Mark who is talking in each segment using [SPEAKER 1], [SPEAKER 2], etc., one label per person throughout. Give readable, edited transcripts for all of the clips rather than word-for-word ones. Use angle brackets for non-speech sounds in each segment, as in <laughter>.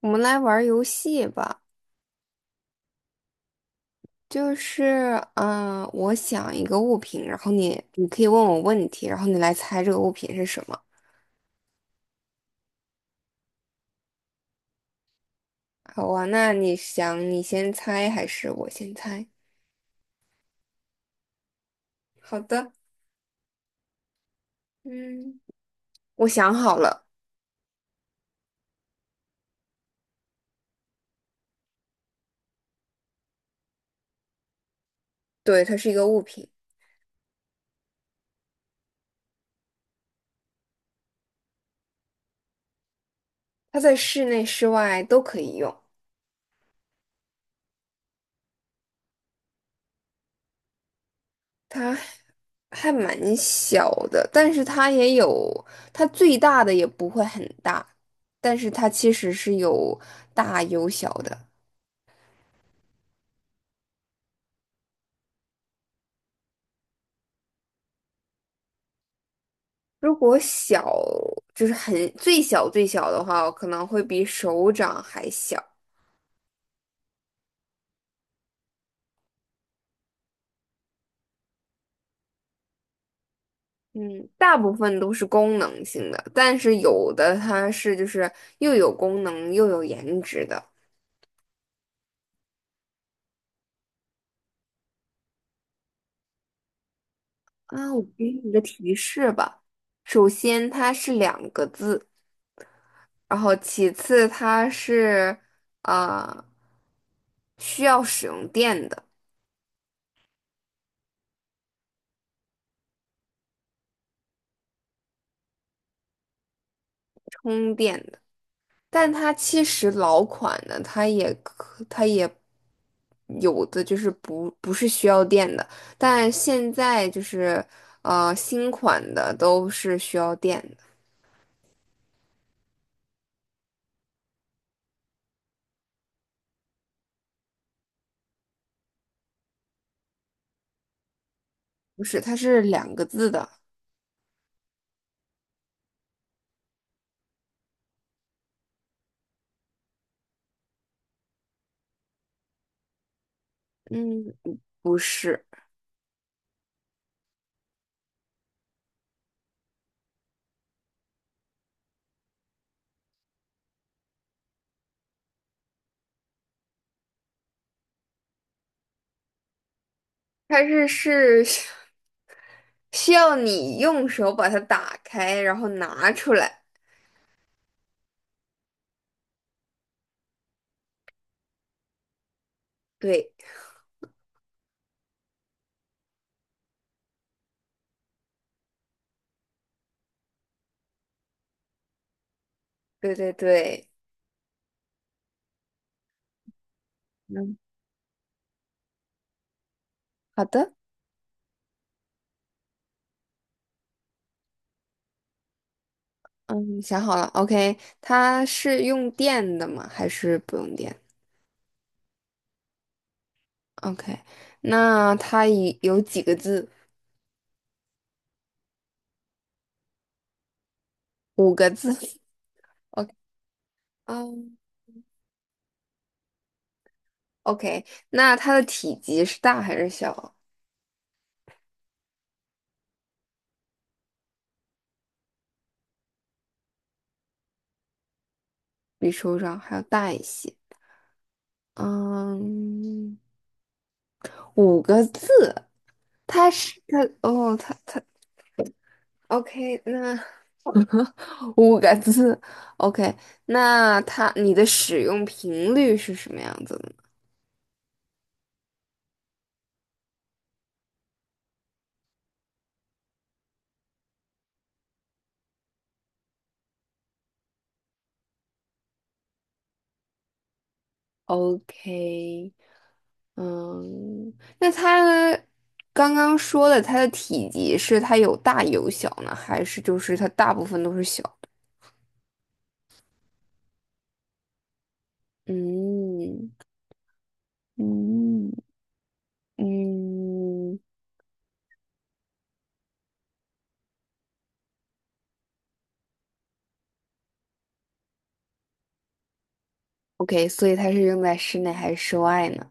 [SPEAKER 1] 我们来玩儿游戏吧，我想一个物品，然后你可以问我问题，然后你来猜这个物品是什么。好啊，那你想你先猜还是我先猜？好的。嗯，我想好了。对，它是一个物品，它在室内、室外都可以用，它还蛮小的，但是它也有，它最大的也不会很大，但是它其实是有大有小的。如果小，就是很最小最小的话，我可能会比手掌还小。嗯，大部分都是功能性的，但是有的它是就是又有功能又有颜值的。啊，我给你个提示吧。首先，它是两个字，然后其次它是啊、呃需要使用电的，充电的。但它其实老款的，它也可，它也有的就是不是需要电的，但现在就是新款的都是需要电的。不是，它是两个字的。嗯，不是，它是 <laughs> 需要你用手把它打开，然后拿出来。对。对对对。嗯，好的。嗯，想好了。OK，它是用电的吗？还是不用电？OK，那它以有几个字？五个字。<laughs> OK。嗯，OK，那它的体积是大还是小？比手掌还要大一些。嗯，五个字，它是它哦，它它 OK。那五个字 OK，那它你的使用频率是什么样子的？OK。嗯，那它刚刚说的它的体积是它有大有小呢，还是就是它大部分都是小的？嗯嗯嗯，OK，所以它是用在室内还是室外呢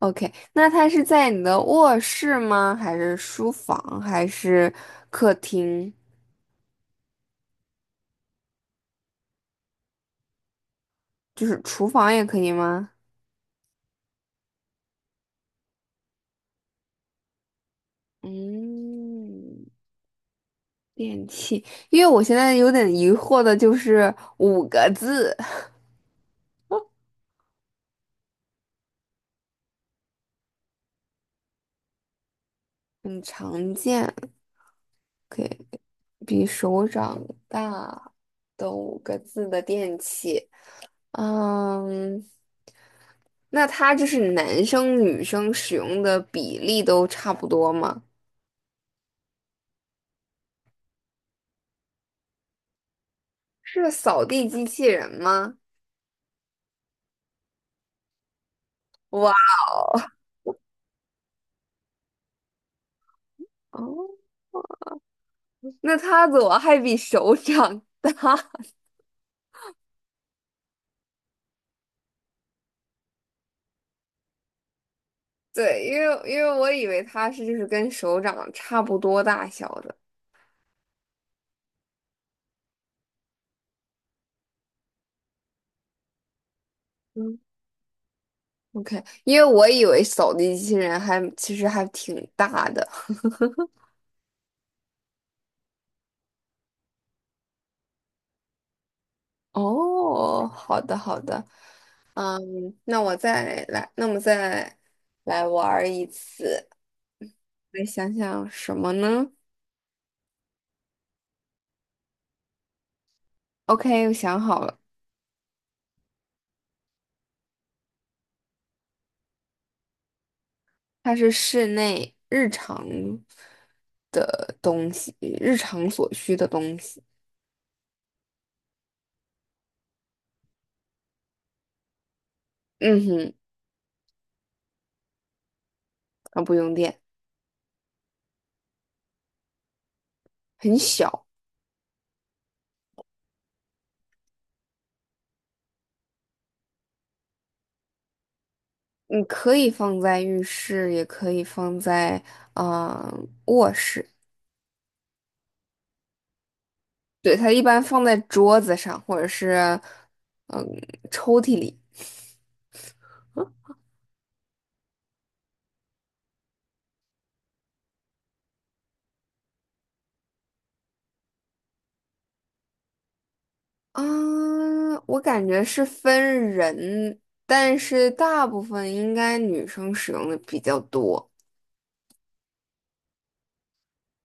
[SPEAKER 1] ？OK，那它是在你的卧室吗？还是书房？还是客厅？就是厨房也可以吗？嗯。电器，因为我现在有点疑惑的就是五个字，很常见，可以比手掌大的五个字的电器。嗯，那它就是男生女生使用的比例都差不多吗？是扫地机器人吗？哇哦。<laughs> 那它怎么还比手掌？对，因为我以为它是就是跟手掌差不多大小的。OK，因为我以为扫地机器人还其实还挺大的。哦，好的好的。嗯，那我再来，那我们再来玩儿一次。来想想什么呢？OK，我想好了。它是室内日常的东西，日常所需的东西。嗯哼。啊，不用电。很小。你可以放在浴室，也可以放在嗯、呃卧室。对，它一般放在桌子上，或者是嗯抽屉里。啊，我感觉是分人，但是大部分应该女生使用的比较多。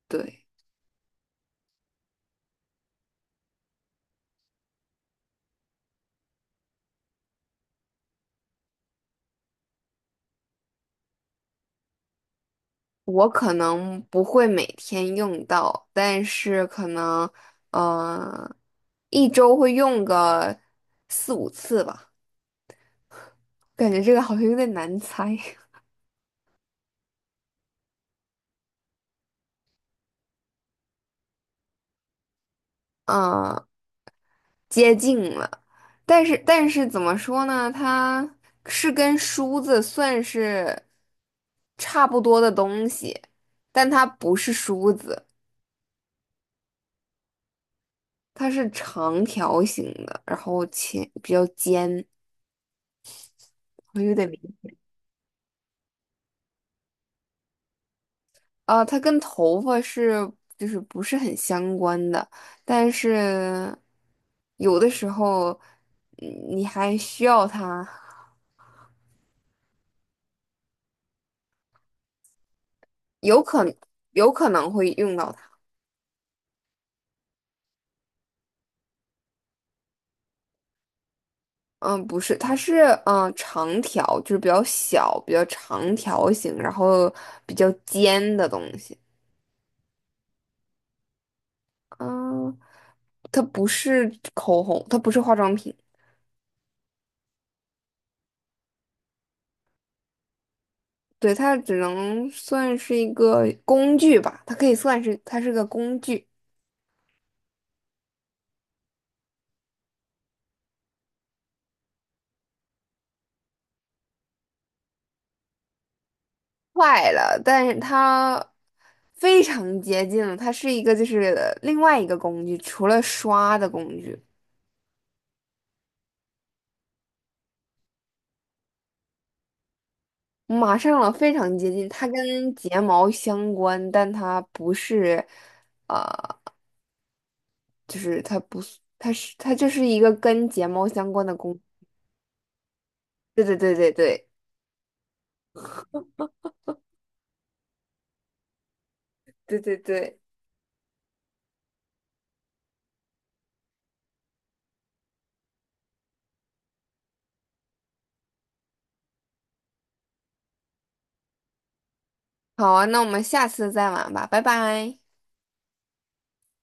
[SPEAKER 1] 对。我可能不会每天用到，但是可能嗯一周会用个四五次吧。感觉这个好像有点难猜。<laughs> 啊。接近了，但是怎么说呢？它是跟梳子算是差不多的东西，但它不是梳子。它是长条形的，然后前比较尖，我有点明啊，它跟头发是就是不是很相关的，但是有的时候嗯你还需要它。有可有可能会用到。它。嗯，不是，它是长条，就是比较小、比较长条形，然后比较尖的东西。嗯，它不是口红，它不是化妆品。对，它只能算是一个工具吧，它可以算是它是个工具。坏了，但是它非常接近了，它是一个就是另外一个工具，除了刷的工具。马上了，非常接近。它跟睫毛相关，但它不是，呃，就是它不是，它是它就是一个跟睫毛相关的工。对对对对对对对对。好啊，那我们下次再玩吧，拜拜。